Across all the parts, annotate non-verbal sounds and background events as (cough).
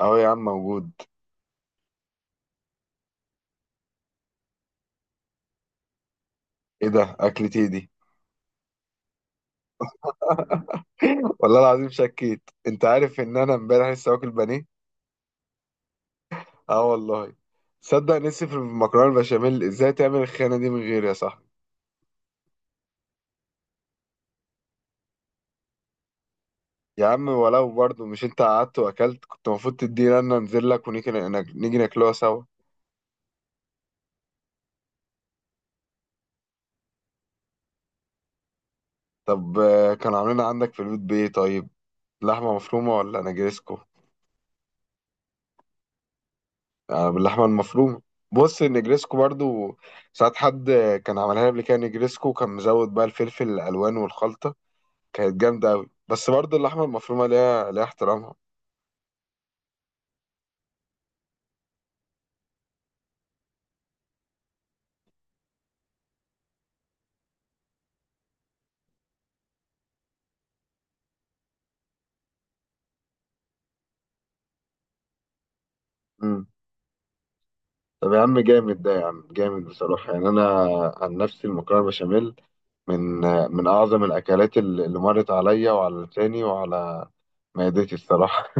اهو يا عم موجود. ايه ده اكلتي دي؟ (laughs) والله العظيم شكيت، انت عارف ان انا امبارح لسه واكل بانيه. اه والله. صدق نسي في المكرونه البشاميل، ازاي تعمل الخيانه دي من غيري يا صاحبي؟ يا عم ولو برضه مش انت قعدت واكلت كنت المفروض تدينا، انا انزل لك ونيجي نيجي ناكلوها سوا. طب كانوا عاملين عندك في البيت بايه طيب؟ لحمه مفرومه ولا نجرسكو؟ باللحمه المفرومه. بص، النجريسكو برضو ساعات حد كان عملها لي قبل كده، نجريسكو كان مزود بقى الفلفل الالوان والخلطه، كانت جامده قوي، بس برضو اللحمه المفرومه ليها احترامها. امم. طب يا عم جامد، ده يا عم جامد بصراحه، يعني انا عن نفسي المكرونه بشاميل من من اعظم الاكلات اللي مرت عليا وعلى لساني وعلى معدتي الصراحه.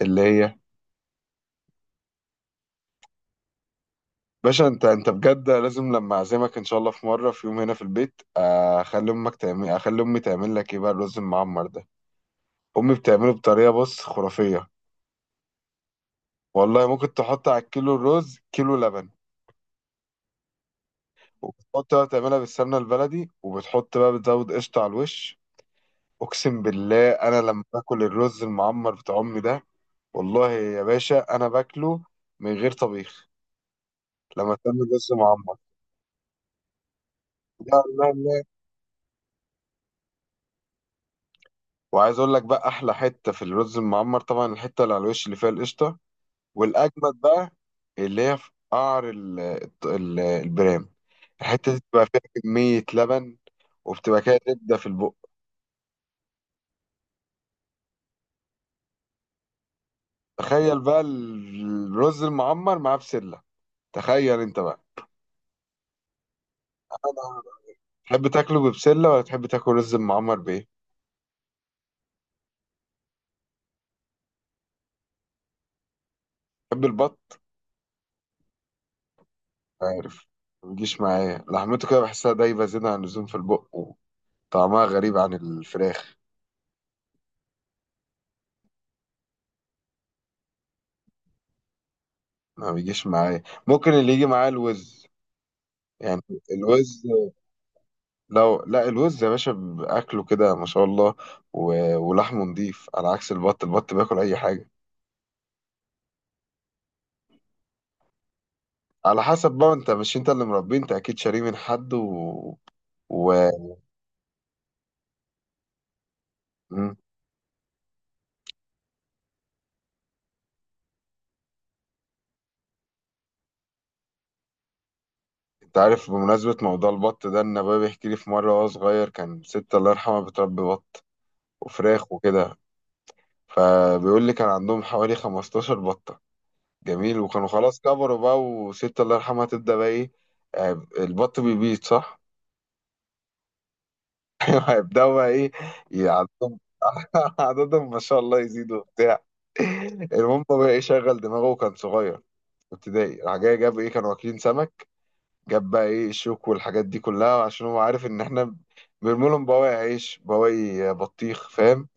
(laughs) اللي هي؟ باشا، انت بجد لازم لما اعزمك ان شاء الله في مره، في يوم هنا في البيت، اخلي امي تعمل لك ايه بقى الرز المعمر ده. امي بتعمله بطريقه، بص، خرافيه. والله ممكن تحط على الكيلو الرز كيلو لبن. وبتحط بقى بتعملها بالسمنه البلدي، وبتحط بقى بتزود قشطه على الوش. اقسم بالله، انا لما باكل الرز المعمر بتاع امي ده، والله يا باشا انا باكله من غير طبيخ. لما تعمل رز معمر. لا، لا، لا. وعايز اقول لك بقى، احلى حته في الرز المعمر طبعا الحته اللي على الوش اللي فيها القشطه، والاجمد بقى اللي هي في قعر البرام. الحته دي بتبقى فيها كميه لبن، وبتبقى كده زبده في البق. تخيل بقى الرز المعمر معاه بسله، تخيل انت بقى. أنا- تحب تاكله ببسله ولا تحب تاكل رز المعمر بايه؟ تحب البط؟ عارف، ما بيجيش معايا لحمته، كده بحسها دايبه زياده عن اللزوم في البق، وطعمها غريب عن الفراخ. ما بيجيش معايا، ممكن اللي يجي معايا الوز. يعني الوز، لو لا الوز يا باشا بأكله كده ما شاء الله. ولحمه نضيف، على عكس البط بياكل أي حاجة. على حسب بقى، انت مش انت اللي مربيه، انت أكيد شاريه من حد و... مم. انت عارف بمناسبة موضوع البط ده، ان بابا بيحكي لي في مرة وهو صغير، كان ست الله يرحمها بتربي بط وفراخ وكده. فبيقول لي كان عندهم حوالي 15 بطة جميل، وكانوا خلاص كبروا بقى، وست الله يرحمها تبدأ بقى ايه. البط بيبيض صح؟ (laughs) هيبدأوا بقى ايه. عددهم. (laughs) عددهم ما شاء الله يزيدوا وبتاع. المهم هو بقى ايه، شغل دماغه وكان صغير في ابتدائي، راح جاي جاب ايه، كانوا واكلين سمك. جاب بقى ايه الشوك والحاجات دي كلها عشان هو عارف ان احنا بنرمي لهم بواقي عيش بواقي بطيخ، فاهم؟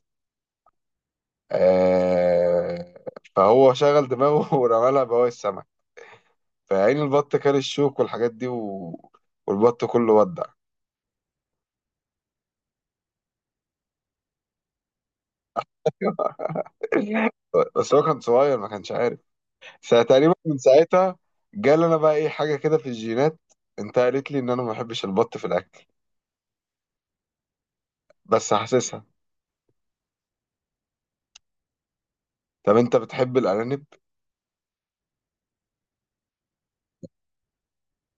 آه. فهو شغل دماغه (laughs) ورمى لها بواقي السمك. فعين البط كان الشوك والحاجات دي والبط كله ودع. (laughs) بس هو كان صغير، ما كانش عارف. ساعة تقريبا من ساعتها. جال انا بقى ايه، حاجة كده في الجينات. انت قالت لي ان انا ما بحبش البط في الاكل، بس حاسسها. طب انت بتحب الارانب؟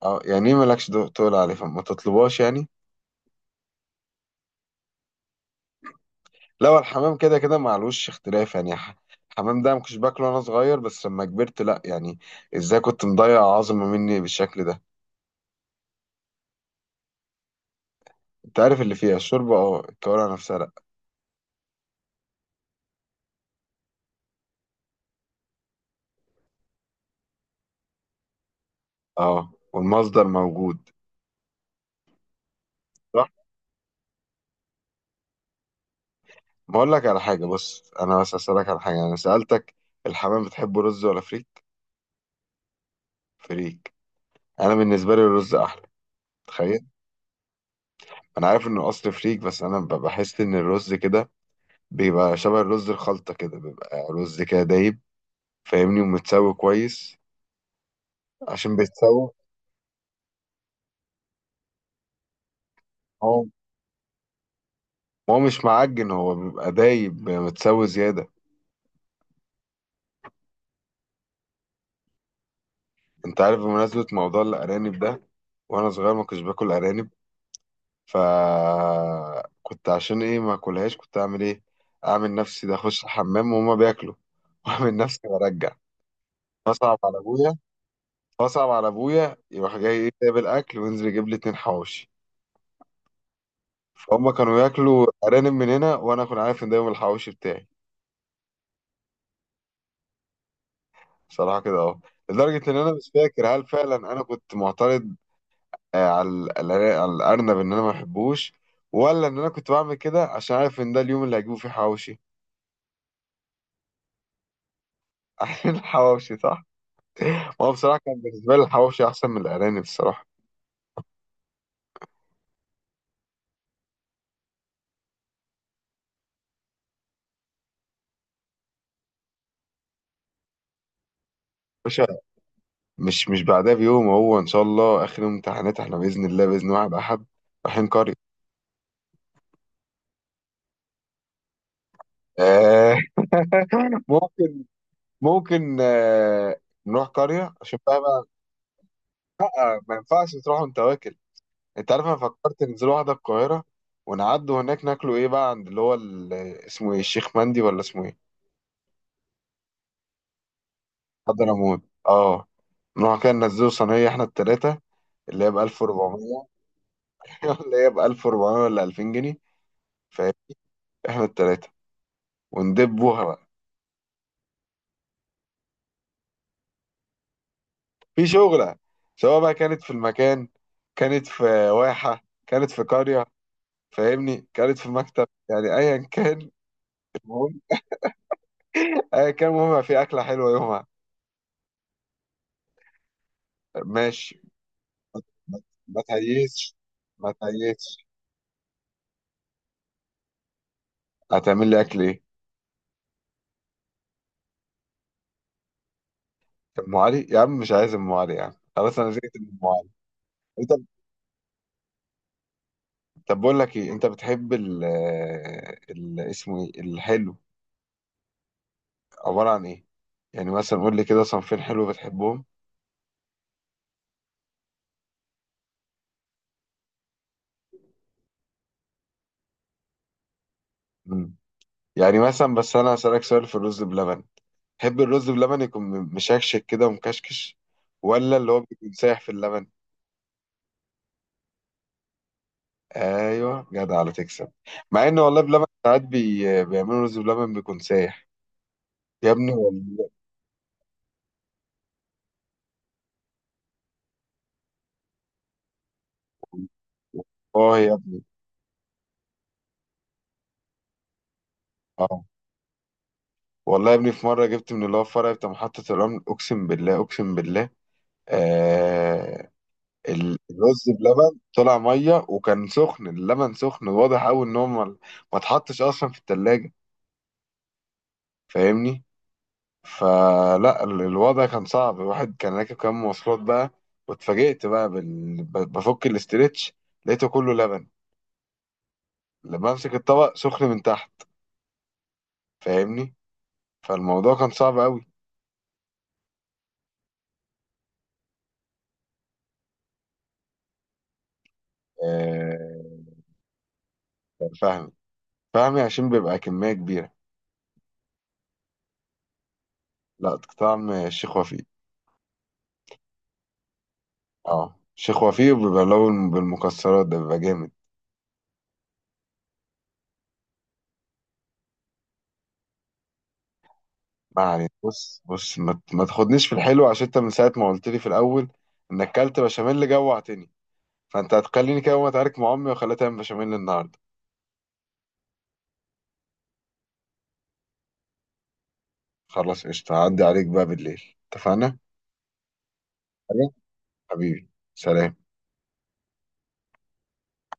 اه، يعني ايه مالكش تقول عليه فما تطلبهاش يعني. لا، هو الحمام كده كده معلوش اختلاف، يعني الحمام ده ما كنتش باكله وانا صغير، بس لما كبرت لا يعني. ازاي كنت مضيع عظمة مني بالشكل ده. انت عارف اللي فيها الشوربة، اه، الكوارع نفسها. اه، والمصدر موجود. صح. ما اقول لك على حاجه، بص، انا بس اسالك على حاجه، انا سالتك، الحمام بتحبه رز ولا فريك؟ فريك. انا بالنسبه لي الرز احلى. تخيل. انا عارف انه اصل فريك، بس انا بحس ان الرز كده بيبقى شبه الرز الخلطه، كده بيبقى رز كده دايب، فاهمني، ومتسوي كويس عشان بيتسوى. هو هو مش معجن، هو بيبقى دايب بيبقى متسوي زياده. انت عارف بمناسبه موضوع الارانب ده، وانا صغير ما كنتش باكل ارانب. فكنت عشان ايه ما اكلهاش، كنت اعمل ايه، اعمل نفسي ده اخش الحمام وهما بياكلوا (laughs) واعمل نفسي برجع. فاصعب على ابويا فاصعب على ابويا، يروح جاي ايه، جايب الاكل وينزل يجيب لي اتنين حواوشي. فهم كانوا ياكلوا ارانب من هنا، وانا كنت عارف ان ده يوم الحواوشي بتاعي. بصراحه كده اهو، لدرجه ان انا مش فاكر هل فعلا انا كنت معترض على الارنب ان انا ما بحبوش، ولا ان انا كنت بعمل كده عشان عارف ان ده اليوم اللي هجيبه فيه حواوشي. (laughs) عشان الحواوشي صح. هو بصراحة كان بالنسبة لي الحواوشي أحسن من الأرانب الصراحة. باشا، مش بعدها بيوم، هو إن شاء الله آخر يوم امتحانات إحنا بإذن الله بإذن واحد أحد رايحين قرية. آه. (laughs) ممكن، ممكن آه. نروح قرية عشان بقى. ما ينفعش تروح وأنت واكل. أنت عارف، أنا فكرت ننزل واحدة القاهرة ونعدوا هناك ناكلوا إيه بقى عند اللي هو اسمه إيه، الشيخ مندي، ولا اسمه إيه؟ حضرموت. أه. نروح كده ننزلوا صينية إحنا التلاتة، اللي هي ب 1400. (laughs) اللي هي ب 1400 ولا 2000 جنيه؟ احنا التلاتة، وندبوها بقى. في شغلة. سواء بقى كانت في المكان، كانت في واحة، كانت في قرية، فاهمني، كانت في مكتب، يعني ايا كان. المهم. ايا كان المهم يبقى في اكلة حلوة يومها. ماشي. ما ما تهيسش، ما تهيسش. هتعمل لي اكل ايه؟ ام علي، يا عم مش عايز ام علي يا عم، خلاص انا زهقت من ام علي. انت طب بقول لك ايه، انت بتحب اسمه ايه الحلو، عبارة عن ايه؟ يعني مثلا قول لي كده صنفين حلو بتحبهم. يعني مثلا، بس انا هسألك سؤال في الرز بلبن، تحب الرز بلبن يكون مشكشك كده ومكشكش، ولا اللي هو بيكون سايح في اللبن؟ ايوه، جدع على تكسب. مع ان والله بلبن ساعات بيعملوا رز بلبن بيكون سايح. يا ابني والله. اه يا ابني، اه. والله يا ابني، في مره جبت من اللي هو الفرع بتاع محطه الرمل، اقسم بالله اقسم بالله. آه. الرز بلبن طلع ميه، وكان سخن، اللبن سخن واضح قوي ان هو ما اتحطش اصلا في التلاجة. فاهمني. فلا الوضع كان صعب، الواحد كان راكب كام مواصلات بقى. واتفاجئت بقى بفك الاسترتش، لقيته كله لبن. لما امسك الطبق سخن من تحت. فاهمني. فالموضوع كان صعب قوي. آه... كان فهمي. فهمي عشان بيبقى كمية كبيرة. لا، طعم الشيخ وفيق. اه، الشيخ وفيق بيبقى لون بالمكسرات ده بيبقى جامد. ما علينا، بص بص، ما تاخدنيش في الحلو، عشان انت من ساعة ما قلت لي في الأول انك كلت بشاميل جوعتني، فانت هتخليني كده اقوم اتعارك مع امي واخليها تعمل بشاميل النهارده. خلاص قشطه، هعدي عليك بقى بالليل اتفقنا. خلاص. حبيبي سلام.